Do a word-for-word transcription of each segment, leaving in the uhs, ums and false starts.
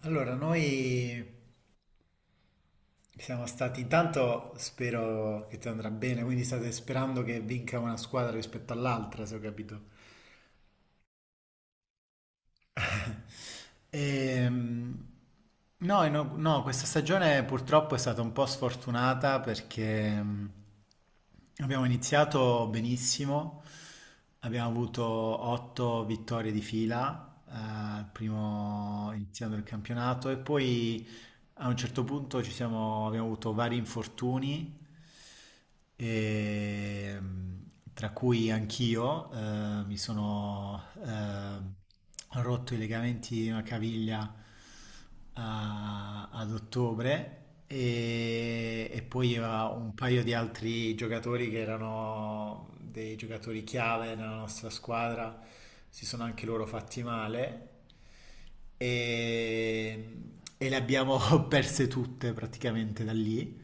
Allora, noi siamo stati, intanto spero che ti andrà bene, quindi state sperando che vinca una squadra rispetto all'altra, se ho capito. Ehm, no, e no, no, questa stagione purtroppo è stata un po' sfortunata perché mm, abbiamo iniziato benissimo, abbiamo avuto otto vittorie di fila, eh, primo- iniziando il campionato e poi. A un certo punto ci siamo- abbiamo avuto vari infortuni, e, tra cui anch'io, eh, mi sono eh, rotto i legamenti di una caviglia a- ad ottobre e, e poi a un paio di altri giocatori che erano dei giocatori chiave nella nostra squadra si sono anche loro fatti male e, e le abbiamo perse tutte praticamente da lì.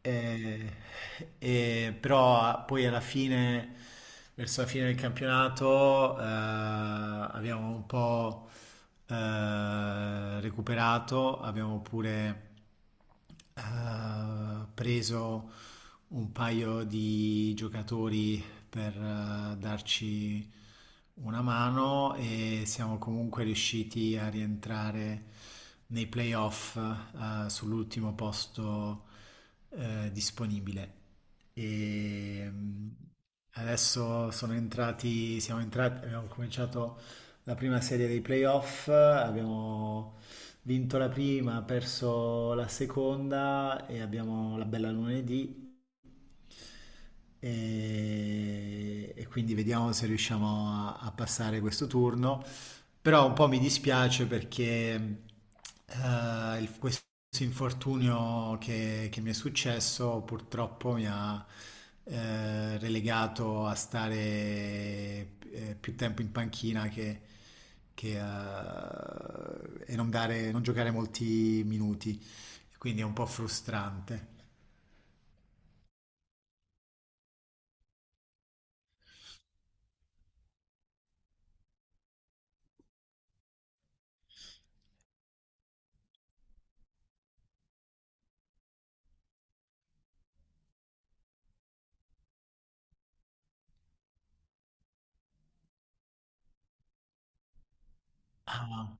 E- e- Però poi alla fine, verso la fine del campionato, eh, abbiamo un po' eh, recuperato, abbiamo pure eh, preso un paio di giocatori per eh, darci una mano e siamo comunque riusciti a rientrare nei playoff eh, sull'ultimo posto eh, disponibile. E mm, adesso sono entrati, siamo entrati, abbiamo cominciato la prima serie dei playoff, abbiamo vinto la prima, perso la seconda e abbiamo la bella lunedì. E, e quindi vediamo se riusciamo a, a passare questo turno. Però un po' mi dispiace perché eh, il- questo questo infortunio che, che mi è successo purtroppo mi ha eh, relegato a stare eh, più tempo in panchina che, che, eh, e non dare- non giocare molti minuti, quindi è un po' frustrante. Ah,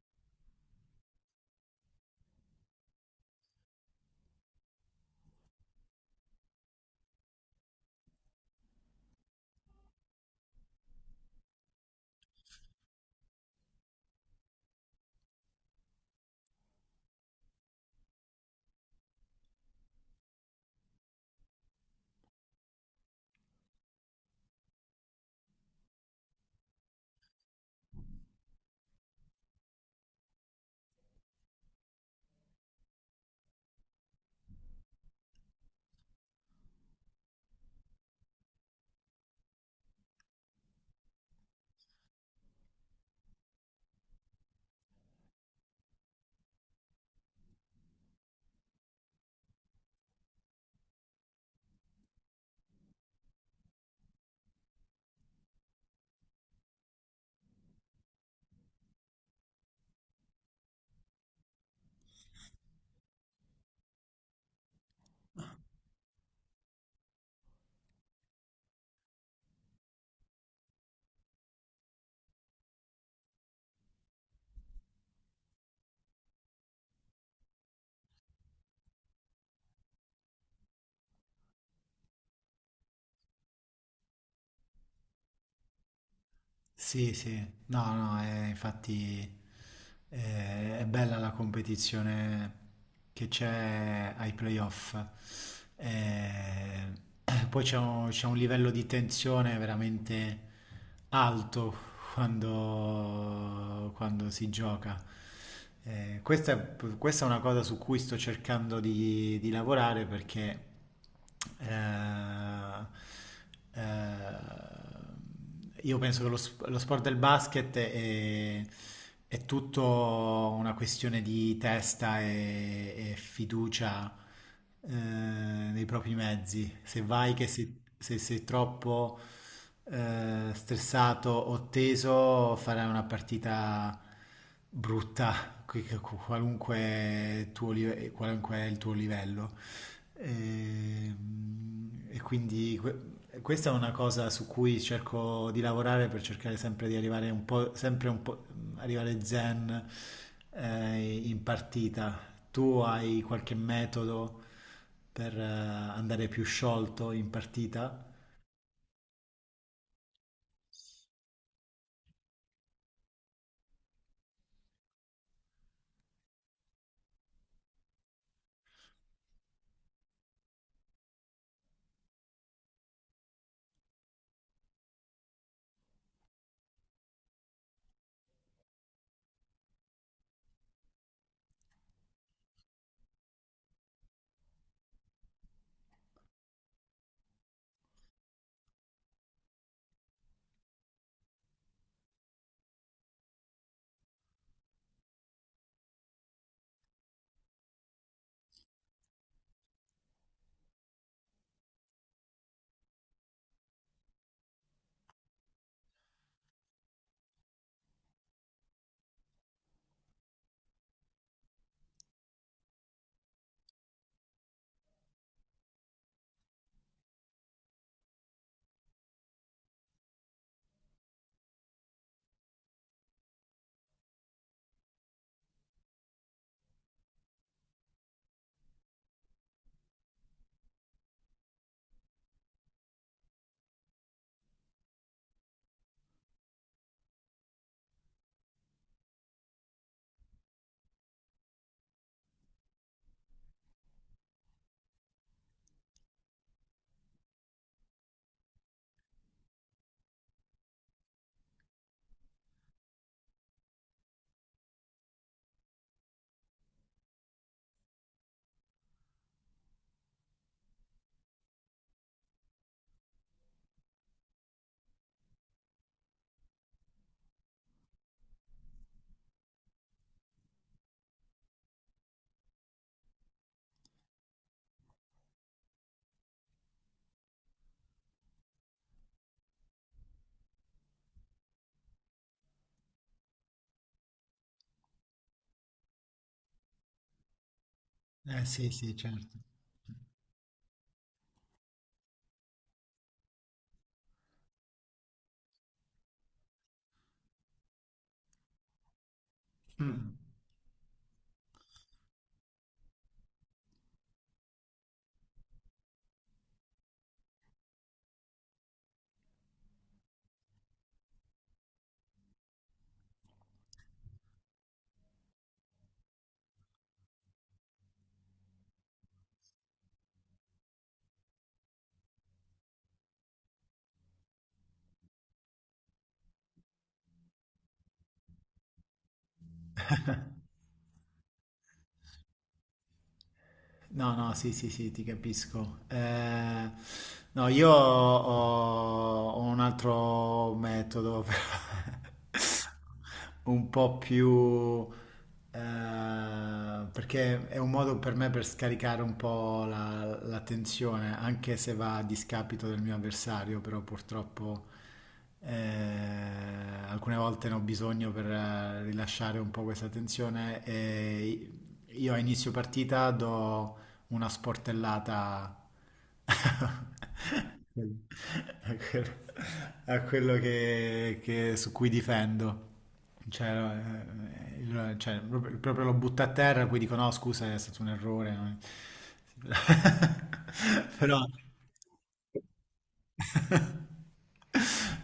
sì, sì, no, no, eh, infatti. Eh, È bella la competizione che c'è ai playoff. Eh, poi c'è un, c'è un livello di tensione veramente alto quando, quando si gioca. Eh, questa, è, questa è una cosa su cui sto cercando di, di lavorare perché eh, eh, io penso che lo, sp- lo sport del basket è, è tutto una questione di testa e, e fiducia eh, nei propri mezzi. Se vai che se, se sei troppo eh, stressato o teso, farai una partita brutta, qui- qualunque, tuo live- qualunque è il tuo livello. Ehm, E, quindi que- questa è una cosa su cui cerco di lavorare per cercare sempre di arrivare un po', sempre un po', arrivare zen eh, in partita. Tu hai qualche metodo per eh, andare più sciolto in partita? Eh sì, sì, certo. Mm. No, no, sì, sì, sì, ti capisco. Eh, no, io ho, ho un altro metodo, però, un po' più... eh, perché è un modo per me per scaricare un po' la, la tensione, anche se va a discapito del mio avversario, però purtroppo eh, alcune volte ne ho bisogno per eh, rilasciare un po' questa tensione e io a inizio partita do una sportellata a quello, a quello che, che- su cui difendo. Cioè, eh, il- cioè, proprio, proprio lo butta a terra, poi dico no, scusa, è stato un errore. No?" Però.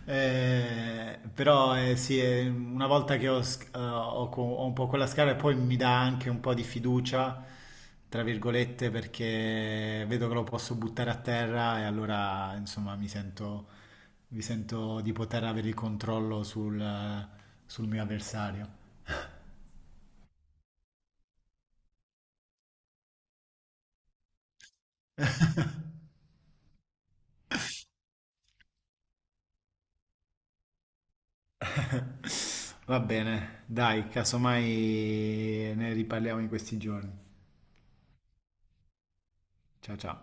Eh, però eh, sì, eh, una volta che ho, sc- eh, ho co- ho un po' quella scala, poi mi dà anche un po' di fiducia, tra virgolette, perché vedo che lo posso buttare a terra e allora insomma mi sento, mi sento di poter avere il controllo sul, sul mio avversario. Va bene, dai, casomai ne riparliamo in questi giorni. Ciao ciao.